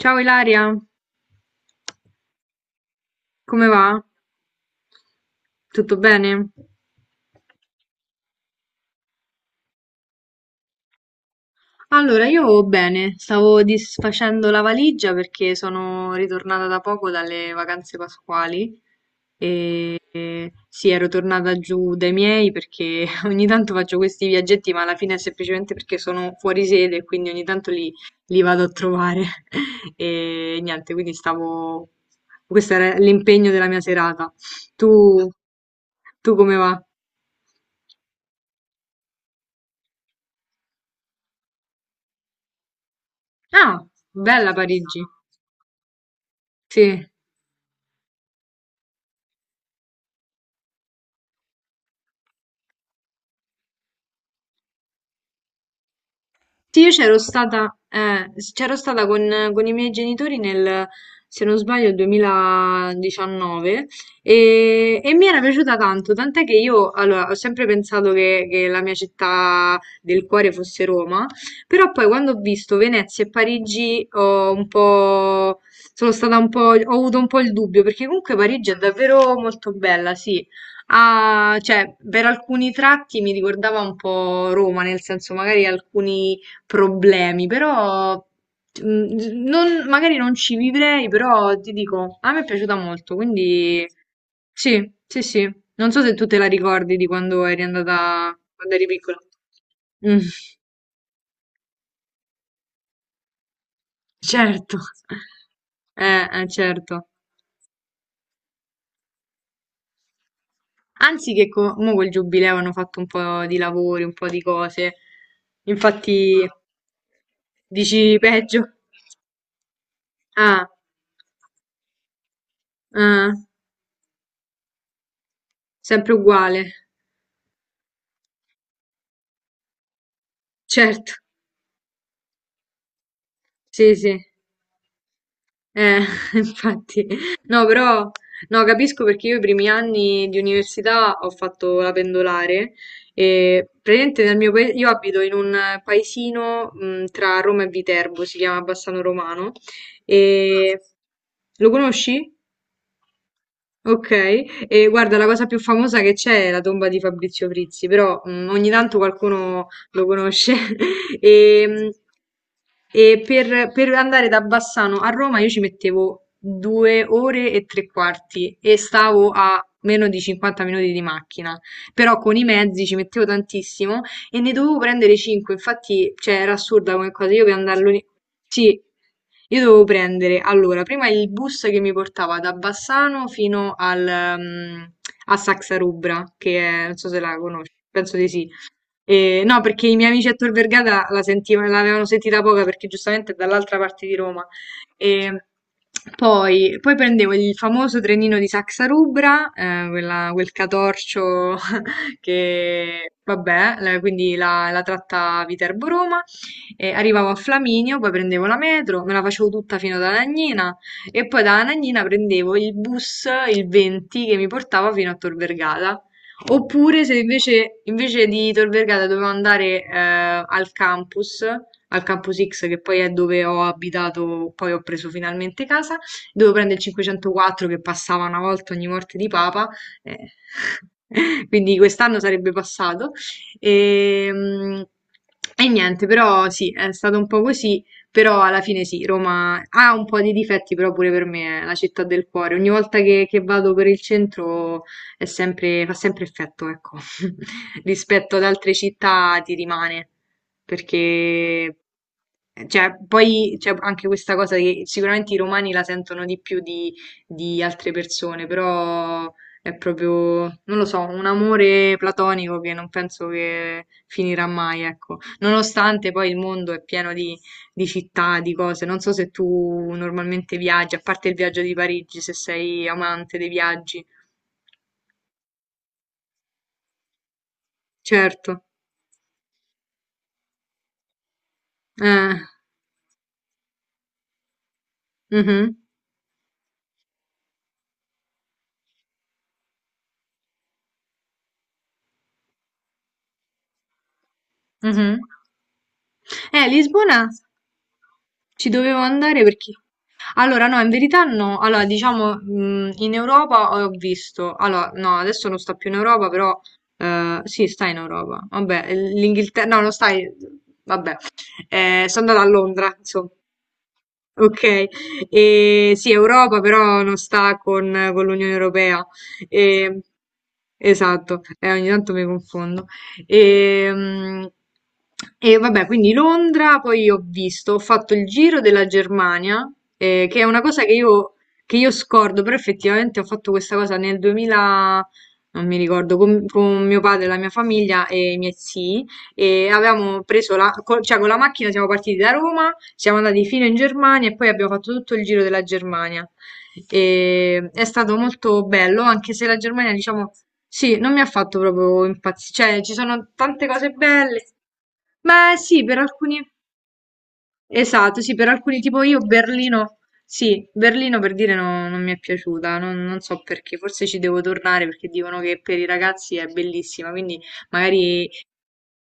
Ciao Ilaria, come va? Tutto bene? Allora, io bene, stavo disfacendo la valigia perché sono ritornata da poco dalle vacanze pasquali e sì, ero tornata giù dai miei perché ogni tanto faccio questi viaggetti, ma alla fine è semplicemente perché sono fuori sede e quindi ogni tanto li vado a trovare e niente, quindi stavo... Questo era l'impegno della mia serata. Tu, tu come va? Ah, bella Parigi, sì. Sì, io c'ero stata, c'ero stata con i miei genitori nel, se non sbaglio, 2019 e mi era piaciuta tanto, tant'è che io allora, ho sempre pensato che la mia città del cuore fosse Roma, però poi quando ho visto Venezia e Parigi ho un po', sono stata un po', ho avuto un po' il dubbio, perché comunque Parigi è davvero molto bella, sì. Ah, cioè, per alcuni tratti mi ricordava un po' Roma, nel senso magari alcuni problemi, però magari non ci vivrei, però ti dico, a me è piaciuta molto, quindi sì, sì, sì. Non so se tu te la ricordi di quando eri andata, quando eri piccola. Mm, certo. Certo. Anzi mo col giubileo hanno fatto un po' di lavori, un po' di cose. Infatti, dici peggio. Ah, ah, sempre uguale. Certo, sì, sì. Eh, infatti, no, però no, capisco perché io i primi anni di università ho fatto la pendolare e praticamente nel mio paese, io abito in un paesino tra Roma e Viterbo, si chiama Bassano Romano e lo conosci? Ok, e guarda, la cosa più famosa che c'è è la tomba di Fabrizio Frizzi, però ogni tanto qualcuno lo conosce. E, mm, e per andare da Bassano a Roma io ci mettevo 2 ore e tre quarti e stavo a meno di 50 minuti di macchina, però con i mezzi ci mettevo tantissimo e ne dovevo prendere 5, infatti, cioè, era assurda come cosa, io per andarlo lì, sì, io dovevo prendere, allora, prima il bus che mi portava da Bassano fino a Saxarubra, che è, non so se la conosci, penso di sì. No, perché i miei amici a Tor Vergata l'avevano sentita poca perché giustamente è dall'altra parte di Roma. E poi prendevo il famoso trenino di Saxarubra, quel catorcio che vabbè, quindi la tratta Viterbo-Roma, e arrivavo a Flaminio, poi prendevo la metro, me la facevo tutta fino ad Anagnina e poi da Anagnina prendevo il bus, il 20, che mi portava fino a Tor Vergata. Oppure se invece di Tor Vergata dovevo andare al campus, al campus X che poi è dove ho abitato, poi ho preso finalmente casa, dovevo prendere il 504 che passava una volta ogni morte di papa eh, quindi quest'anno sarebbe passato. E, mm, e niente, però sì, è stato un po' così, però alla fine sì, Roma ha un po' di difetti, però pure per me è la città del cuore. Ogni volta che vado per il centro è sempre, fa sempre effetto, ecco, rispetto ad altre città ti rimane, perché... Cioè, poi c'è anche questa cosa che sicuramente i romani la sentono di più di altre persone, però è proprio, non lo so, un amore platonico che non penso che finirà mai, ecco. Nonostante poi il mondo è pieno di città, di cose. Non so se tu normalmente viaggi, a parte il viaggio di Parigi, se sei amante dei viaggi. Certo. Eh, mhm, mhm. Lisbona ci dovevo andare perché... Allora, no, in verità no. Allora, diciamo, in Europa ho visto. Allora, no, adesso non sta più in Europa, però sì, sta in Europa. Vabbè, l'Inghilterra. No, non stai. Vabbè. Sono andata a Londra, insomma. Ok, e sì, Europa però non sta con l'Unione Europea. E- esatto, ogni tanto mi confondo. E, mm, e vabbè, quindi Londra, poi ho visto, ho fatto il giro della Germania, che è una cosa che io scordo, però effettivamente ho fatto questa cosa nel 2000, non mi ricordo, con mio padre, la mia famiglia e i miei zii e avevamo preso cioè con la macchina siamo partiti da Roma, siamo andati fino in Germania e poi abbiamo fatto tutto il giro della Germania. E è stato molto bello, anche se la Germania, diciamo, sì, non mi ha fatto proprio impazzire, cioè ci sono tante cose belle. Beh, sì, per alcuni, esatto, sì, per alcuni, tipo io Berlino, sì, Berlino per dire non mi è piaciuta, non so perché, forse ci devo tornare perché dicono che per i ragazzi è bellissima, quindi magari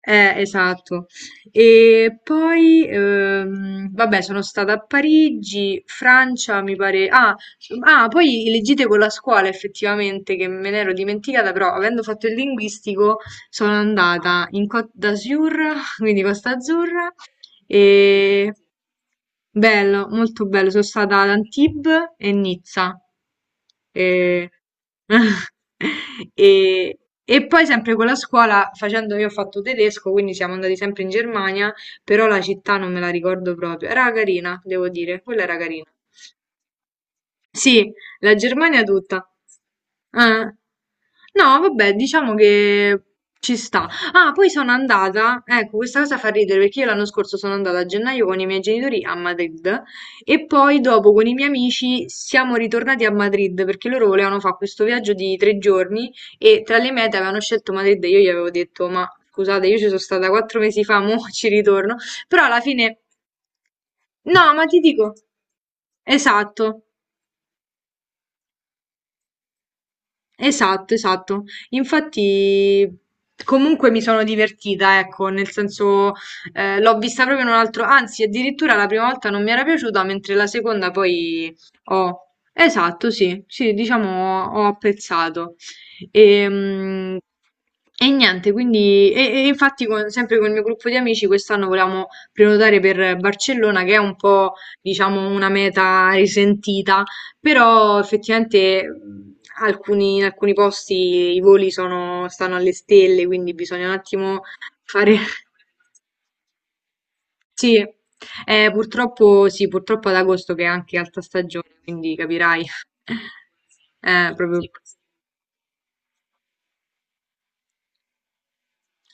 esatto. E poi, vabbè, sono stata a Parigi, Francia, mi pare. Ah, ah, poi le gite con la scuola, effettivamente, che me ne ero dimenticata, però avendo fatto il linguistico sono andata in Côte d'Azur, quindi Costa Azzurra, e bello, molto bello. Sono stata ad Antibes e Nizza. E... e- e poi sempre con la scuola, facendo io ho fatto tedesco, quindi siamo andati sempre in Germania, però la città non me la ricordo proprio. Era carina, devo dire, quella era carina. Sì, la Germania tutta. Eh. No, vabbè, diciamo che ci sta. Ah, poi sono andata, ecco, questa cosa fa ridere perché io l'anno scorso sono andata a gennaio con i miei genitori a Madrid e poi dopo con i miei amici siamo ritornati a Madrid perché loro volevano fare questo viaggio di 3 giorni e tra le mete avevano scelto Madrid e io gli avevo detto, ma scusate, io ci sono stata 4 mesi fa, mo ci ritorno. Però alla fine... No, ma ti dico... Esatto. Esatto, esatto. Infatti, comunque mi sono divertita, ecco, nel senso, l'ho vista proprio in un altro, anzi, addirittura la prima volta non mi era piaciuta, mentre la seconda poi ho. Esatto, sì, sì, diciamo ho apprezzato. Ehm, E, niente, quindi, e infatti sempre con il mio gruppo di amici quest'anno volevamo prenotare per Barcellona, che è un po', diciamo, una meta risentita però effettivamente in alcuni posti i voli stanno alle stelle, quindi bisogna un attimo fare... Sì, purtroppo, sì, purtroppo ad agosto che è anche alta stagione, quindi capirai. Proprio...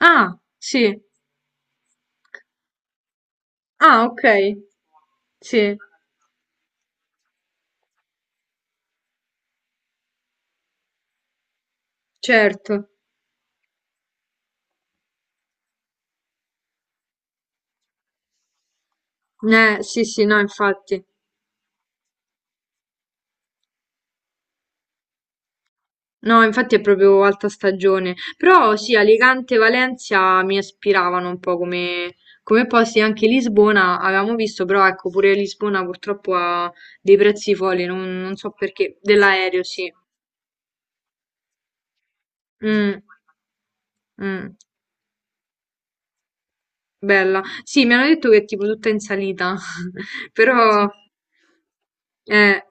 Ah, sì. Ah, ok. Sì, certo. Sì, sì, no, infatti. No, infatti è proprio alta stagione. Però sì, Alicante e Valencia mi ispiravano un po' come posti, anche Lisbona avevamo visto, però ecco, pure Lisbona purtroppo ha dei prezzi folli, non so perché, dell'aereo, sì. Mm, mm. Bella. Sì, mi hanno detto che è tipo tutta in salita, però eh,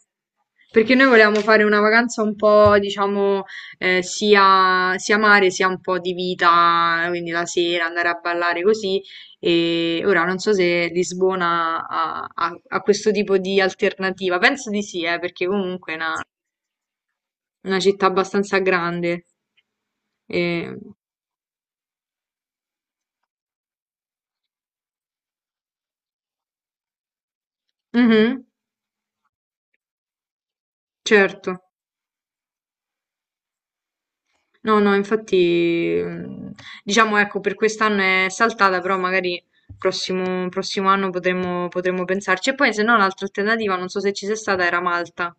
perché noi volevamo fare una vacanza un po', diciamo, sia mare sia un po' di vita, quindi la sera andare a ballare così. E ora non so se Lisbona ha questo tipo di alternativa. Penso di sì, perché comunque è una città abbastanza grande. E- Mhm, certo. No, no, infatti, diciamo, ecco, per quest'anno è saltata, però magari prossimo anno potremmo pensarci. E poi, se no, l'altra alternativa, non so se ci sei stata, era Malta.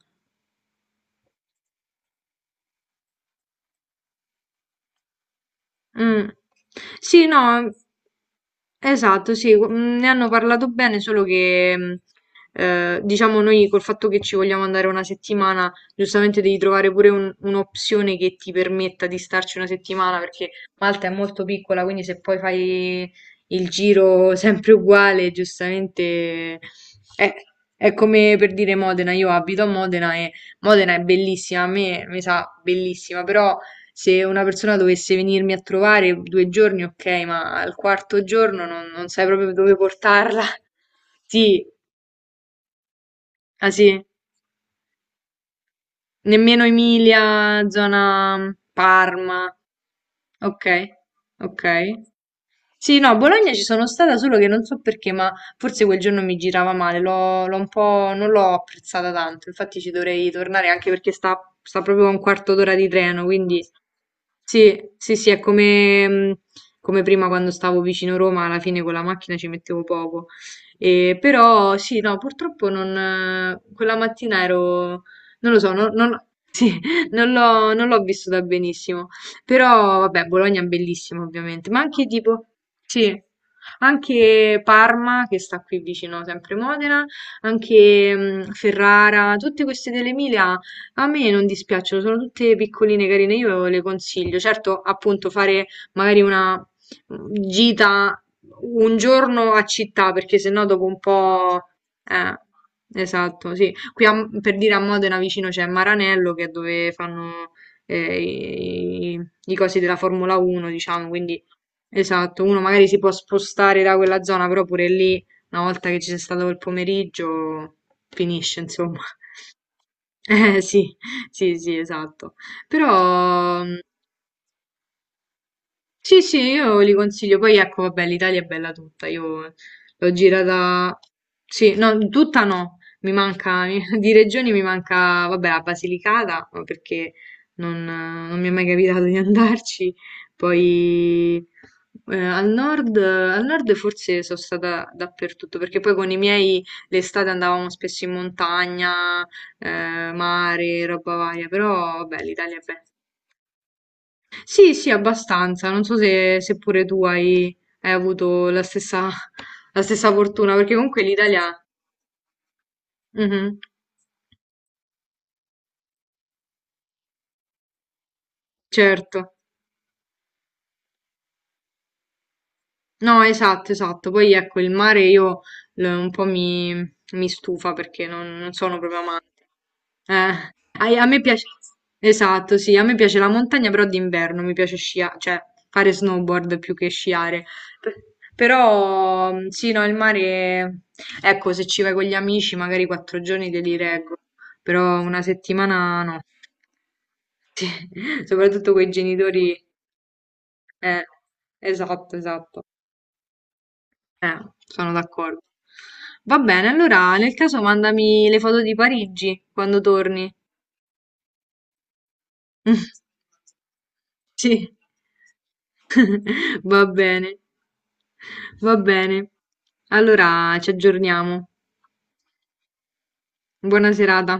Mm. Sì, no, esatto, sì, ne hanno parlato bene, solo che diciamo noi col fatto che ci vogliamo andare una settimana, giustamente devi trovare pure un'opzione che ti permetta di starci una settimana, perché Malta è molto piccola, quindi se poi fai il giro sempre uguale, giustamente è, è, come per dire Modena, io abito a Modena e Modena è bellissima, a me mi sa bellissima, però... Se una persona dovesse venirmi a trovare 2 giorni, okay, ma al quarto giorno non sai proprio dove portarla. Sì, ah sì, nemmeno Emilia, zona Parma. Okay, okay. Sì, no, a Bologna ci sono stata, solo che non so perché, ma forse quel giorno mi girava male, l'ho un po' non l'ho apprezzata tanto, infatti ci dovrei tornare anche perché sta proprio a un quarto d'ora di treno, quindi sì, sì, sì, è come prima quando stavo vicino Roma, alla fine con la macchina ci mettevo poco. E, però sì, no, purtroppo non, quella mattina ero, non lo so, non, sì, non l'ho vissuta benissimo. Però vabbè, Bologna è bellissima ovviamente, ma anche tipo, sì, anche Parma che sta qui vicino, sempre Modena, anche Ferrara, tutte queste dell'Emilia a me non dispiacciono, sono tutte piccoline, carine, io le consiglio. Certo, appunto, fare magari una gita un giorno a città, perché sennò dopo un po'... esatto, sì. Qui per dire a Modena vicino c'è Maranello, che è dove fanno eh, i, i- i cosi della Formula 1, diciamo, quindi esatto, uno magari si può spostare da quella zona, però pure lì, una volta che ci sei stato quel pomeriggio, finisce, insomma. Eh sì, sì, sì, esatto. Però, mhmm sì, sì, io li consiglio. Poi ecco, vabbè, l'Italia è bella tutta. Io l'ho girata. Sì, no, tutta no. Mi manca di regioni mi manca, vabbè, la Basilicata, ma perché non mi è mai capitato di andarci. Poi al nord forse sono stata dappertutto, perché poi con i miei l'estate andavamo spesso in montagna, mare, roba varia, però vabbè, l'Italia è bella. Sì, sì, abbastanza. Non so se pure tu hai avuto la stessa fortuna, perché comunque l'Italia... Mhm, certo. No, esatto, esatto. Poi ecco, il mare io un po' mi stufa perché non sono proprio amante. Eh, me piace, esatto, sì, a me piace la montagna, però d'inverno mi piace sciare, cioè fare snowboard più che sciare. Per- Però sì, no, il mare, ecco, se ci vai con gli amici, magari 4 giorni te li reggo, però una settimana no. Sì, soprattutto con i genitori, eh, esatto, esatto. Eh, sono d'accordo. Va bene, allora nel caso mandami le foto di Parigi quando torni. Sì, va bene, va bene. Allora ci aggiorniamo. Buona serata.